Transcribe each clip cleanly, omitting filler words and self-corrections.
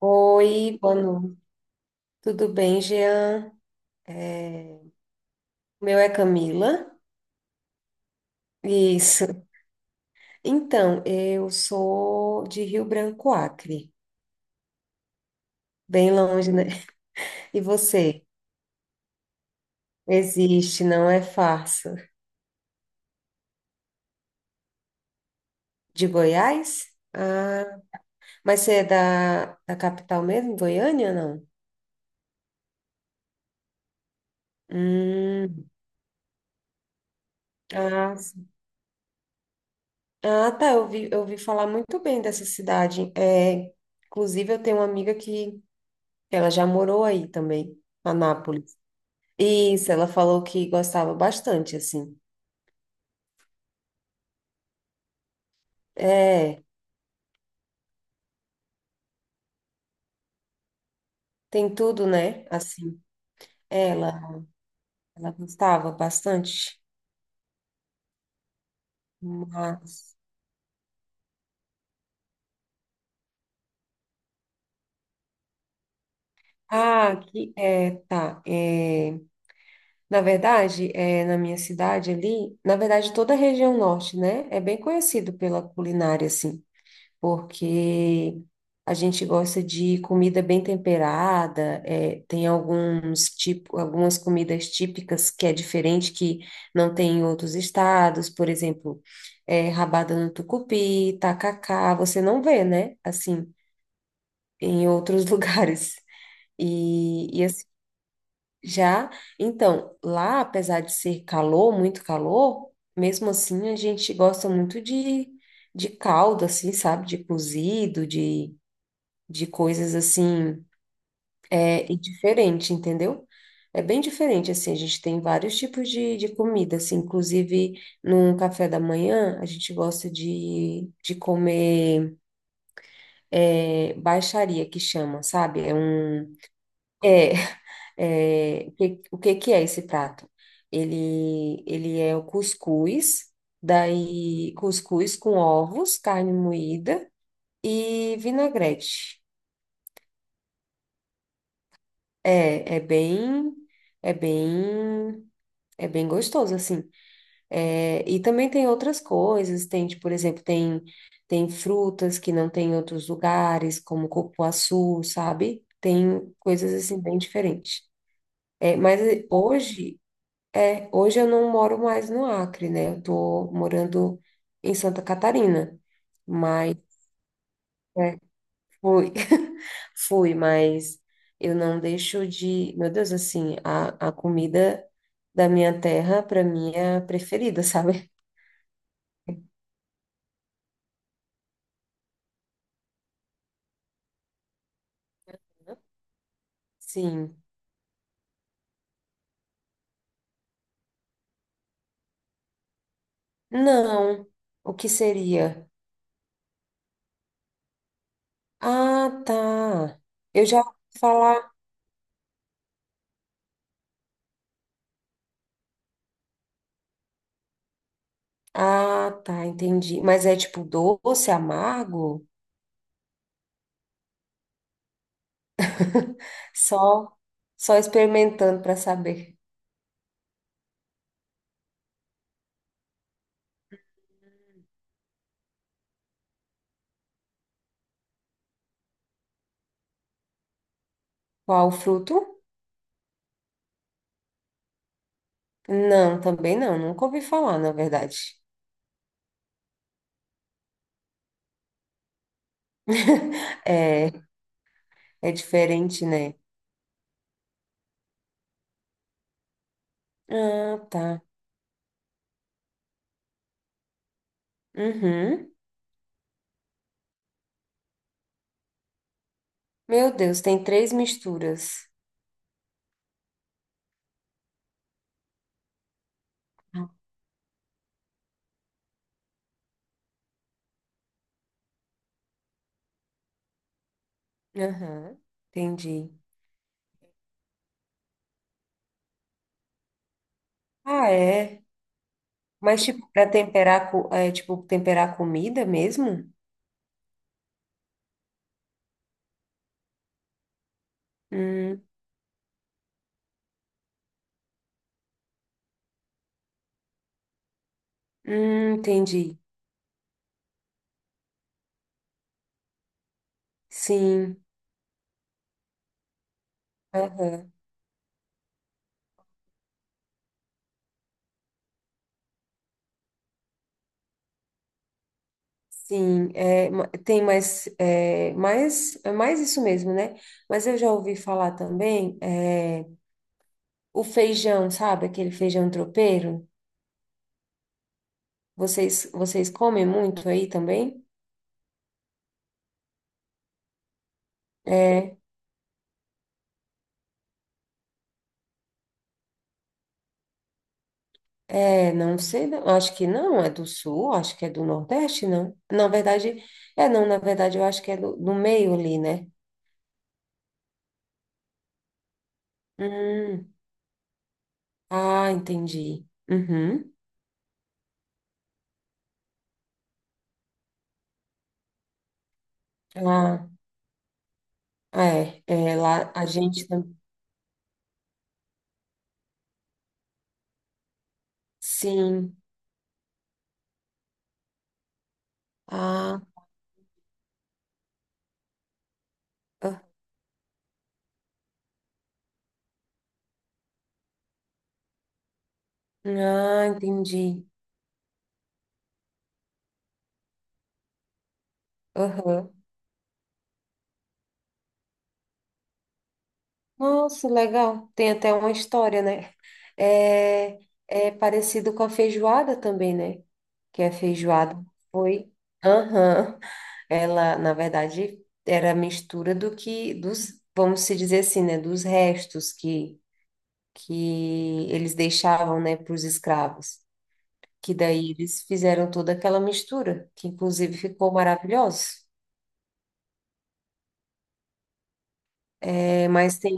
Oi, boa noite. Tudo bem, Jean? É, o meu é Camila. Isso. Então, eu sou de Rio Branco, Acre. Bem longe, né? E você? Existe, não é farsa. De Goiás? Ah, mas você é da capital mesmo, Goiânia, não? Hum, ah, sim. Ah, tá. Eu ouvi falar muito bem dessa cidade. Inclusive, eu tenho uma amiga que ela já morou aí também, Anápolis. Isso, ela falou que gostava bastante, assim. É, tem tudo, né? Assim, ela, ela gostava bastante, mas... Ah, aqui, tá. Na verdade, na minha cidade ali, na verdade, toda a região norte, né? É bem conhecido pela culinária, assim. Porque a gente gosta de comida bem temperada, é, tem alguns tipo, algumas comidas típicas que é diferente, que não tem em outros estados. Por exemplo, rabada no tucupi, tacacá, você não vê, né? Assim, em outros lugares. E assim, já, então, lá, apesar de ser calor, muito calor, mesmo assim a gente gosta muito de caldo, assim, sabe? De cozido, de coisas assim, é, e diferente, entendeu? É bem diferente, assim, a gente tem vários tipos de comida, assim, inclusive no café da manhã, a gente gosta de comer baixaria, que chama, sabe? É um... É, é, o que que é esse prato? Ele é o cuscuz, daí cuscuz com ovos, carne moída e vinagrete. É, é bem, é bem, É bem gostoso, assim. É, e também tem outras coisas, tem, tipo, por exemplo, tem frutas que não tem em outros lugares, como cupuaçu, sabe? Tem coisas, assim, bem diferentes. É, mas hoje, hoje eu não moro mais no Acre, né? Eu tô morando em Santa Catarina, mas é, fui, fui, mas eu não deixo de. Meu Deus, assim, a comida da minha terra, para mim, é a preferida, sabe? Sim. Não. O que seria? Ah, tá. Eu já ouvi falar. Ah, tá, entendi. Mas é tipo doce, amargo? Só, só experimentando para saber qual o fruto? Não, também não. Nunca ouvi falar, na verdade. É. É diferente, né? Ah, tá. Uhum. Meu Deus, tem três misturas. Aham, entendi. Ah, é. Mas tipo, para temperar, co- é, tipo, temperar comida mesmo? Hum, entendi. Sim, aham. Sim, é, ma- tem mais, é, mais, é mais isso mesmo, né? Mas eu já ouvi falar também, é, o feijão, sabe? Aquele feijão tropeiro. Vocês comem muito aí também? É. É, não sei, não. Acho que não, é do sul, acho que é do nordeste, não. Na verdade, é não, na verdade, eu acho que é do meio ali, né? Hum, ah, entendi. Uhum. Ah, é, lá a gente também. Sim. Ah, ah, ah, entendi. Aham. Nossa, legal. Tem até uma história, né? É, é parecido com a feijoada também, né? Que a feijoada foi. Aham. Ela, na verdade, era a mistura do que, dos, vamos se dizer assim, né, dos restos que eles deixavam, né, para os escravos. Que daí eles fizeram toda aquela mistura, que inclusive ficou maravilhoso. É, mas tem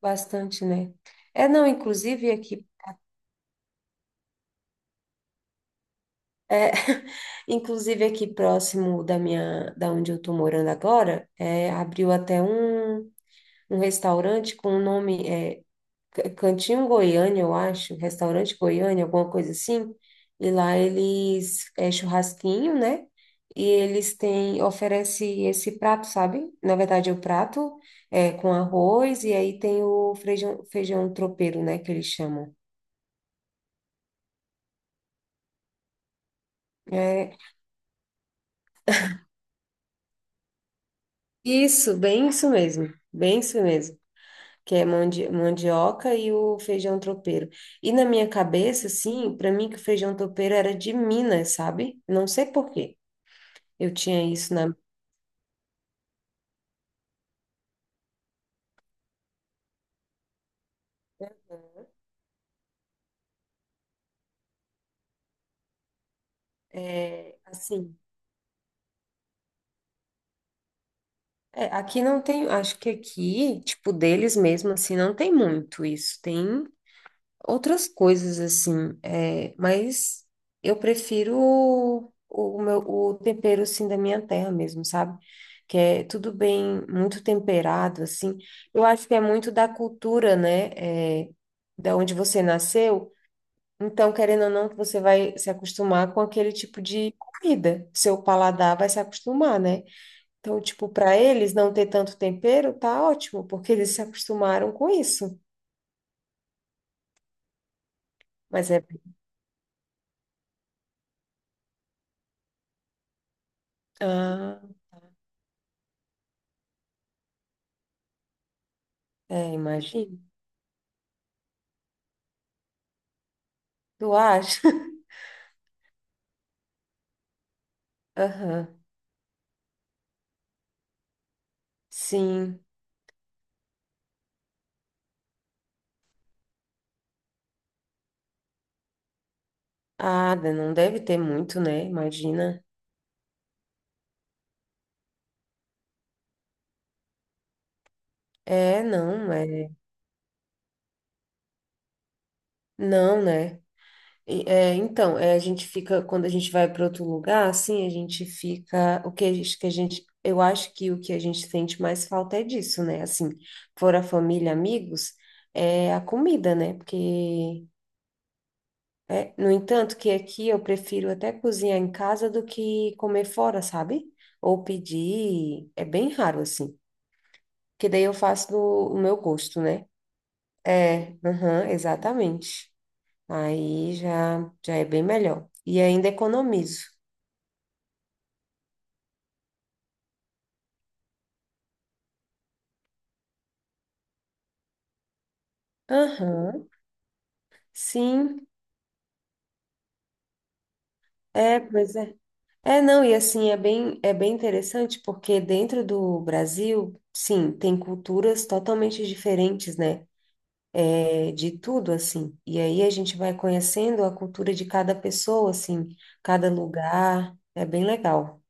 bastante, né? É, não, inclusive aqui, é, inclusive aqui próximo da minha, da onde eu estou morando agora, é, abriu até um, um restaurante com o nome. É, Cantinho Goiânia, eu acho, restaurante Goiânia, alguma coisa assim. E lá eles é churrasquinho, né? E eles têm oferece esse prato, sabe? Na verdade, é o prato é com arroz e aí tem o feijão, feijão tropeiro, né, que eles chamam. É isso, bem isso mesmo. Bem isso mesmo. Que é mandi mandioca e o feijão tropeiro. E na minha cabeça, assim, para mim que o feijão tropeiro era de Minas, sabe? Não sei por quê. Eu tinha isso na assim, é, aqui não tem, acho que aqui, tipo, deles mesmo, assim, não tem muito isso. Tem outras coisas, assim, é, mas eu prefiro o meu, o tempero, assim, da minha terra mesmo, sabe? Que é tudo bem, muito temperado, assim. Eu acho que é muito da cultura, né? É, da onde você nasceu. Então, querendo ou não, você vai se acostumar com aquele tipo de comida. Seu paladar vai se acostumar, né? Então, tipo, para eles não ter tanto tempero, tá ótimo, porque eles se acostumaram com isso. Mas é. Ah, é, imagino. Tu acha? Aham. Sim. Ah, né, não deve ter muito, né? Imagina. É. Não, né? E, é, então, é, a gente fica, quando a gente vai para outro lugar, assim, a gente fica. O que a gente, que a gente. Eu acho que o que a gente sente mais falta é disso, né? Assim, fora família, amigos, é a comida, né? Porque é, no entanto, que aqui eu prefiro até cozinhar em casa do que comer fora, sabe? Ou pedir, é bem raro assim. Que daí eu faço do o meu gosto, né? É, aham, exatamente. Aí já, já é bem melhor. E ainda economizo. Aham, sim, é, pois é. É, não, e assim, é bem interessante porque dentro do Brasil, sim, tem culturas totalmente diferentes, né? É, de tudo, assim. E aí a gente vai conhecendo a cultura de cada pessoa, assim, cada lugar. É bem legal.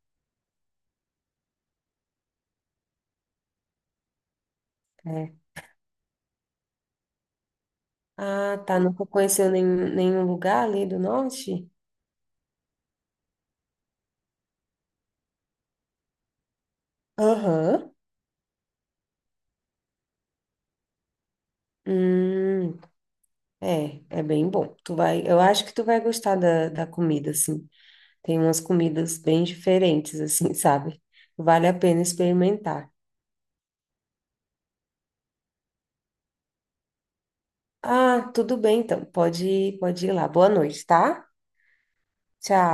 É. Ah, tá. Nunca conheceu nenhum, nenhum lugar ali do norte? Aham. Hum, é, é bem bom. Tu vai, eu acho que tu vai gostar da comida, assim. Tem umas comidas bem diferentes, assim, sabe? Vale a pena experimentar. Ah, tudo bem, então. Pode, pode ir lá. Boa noite, tá? Tchau.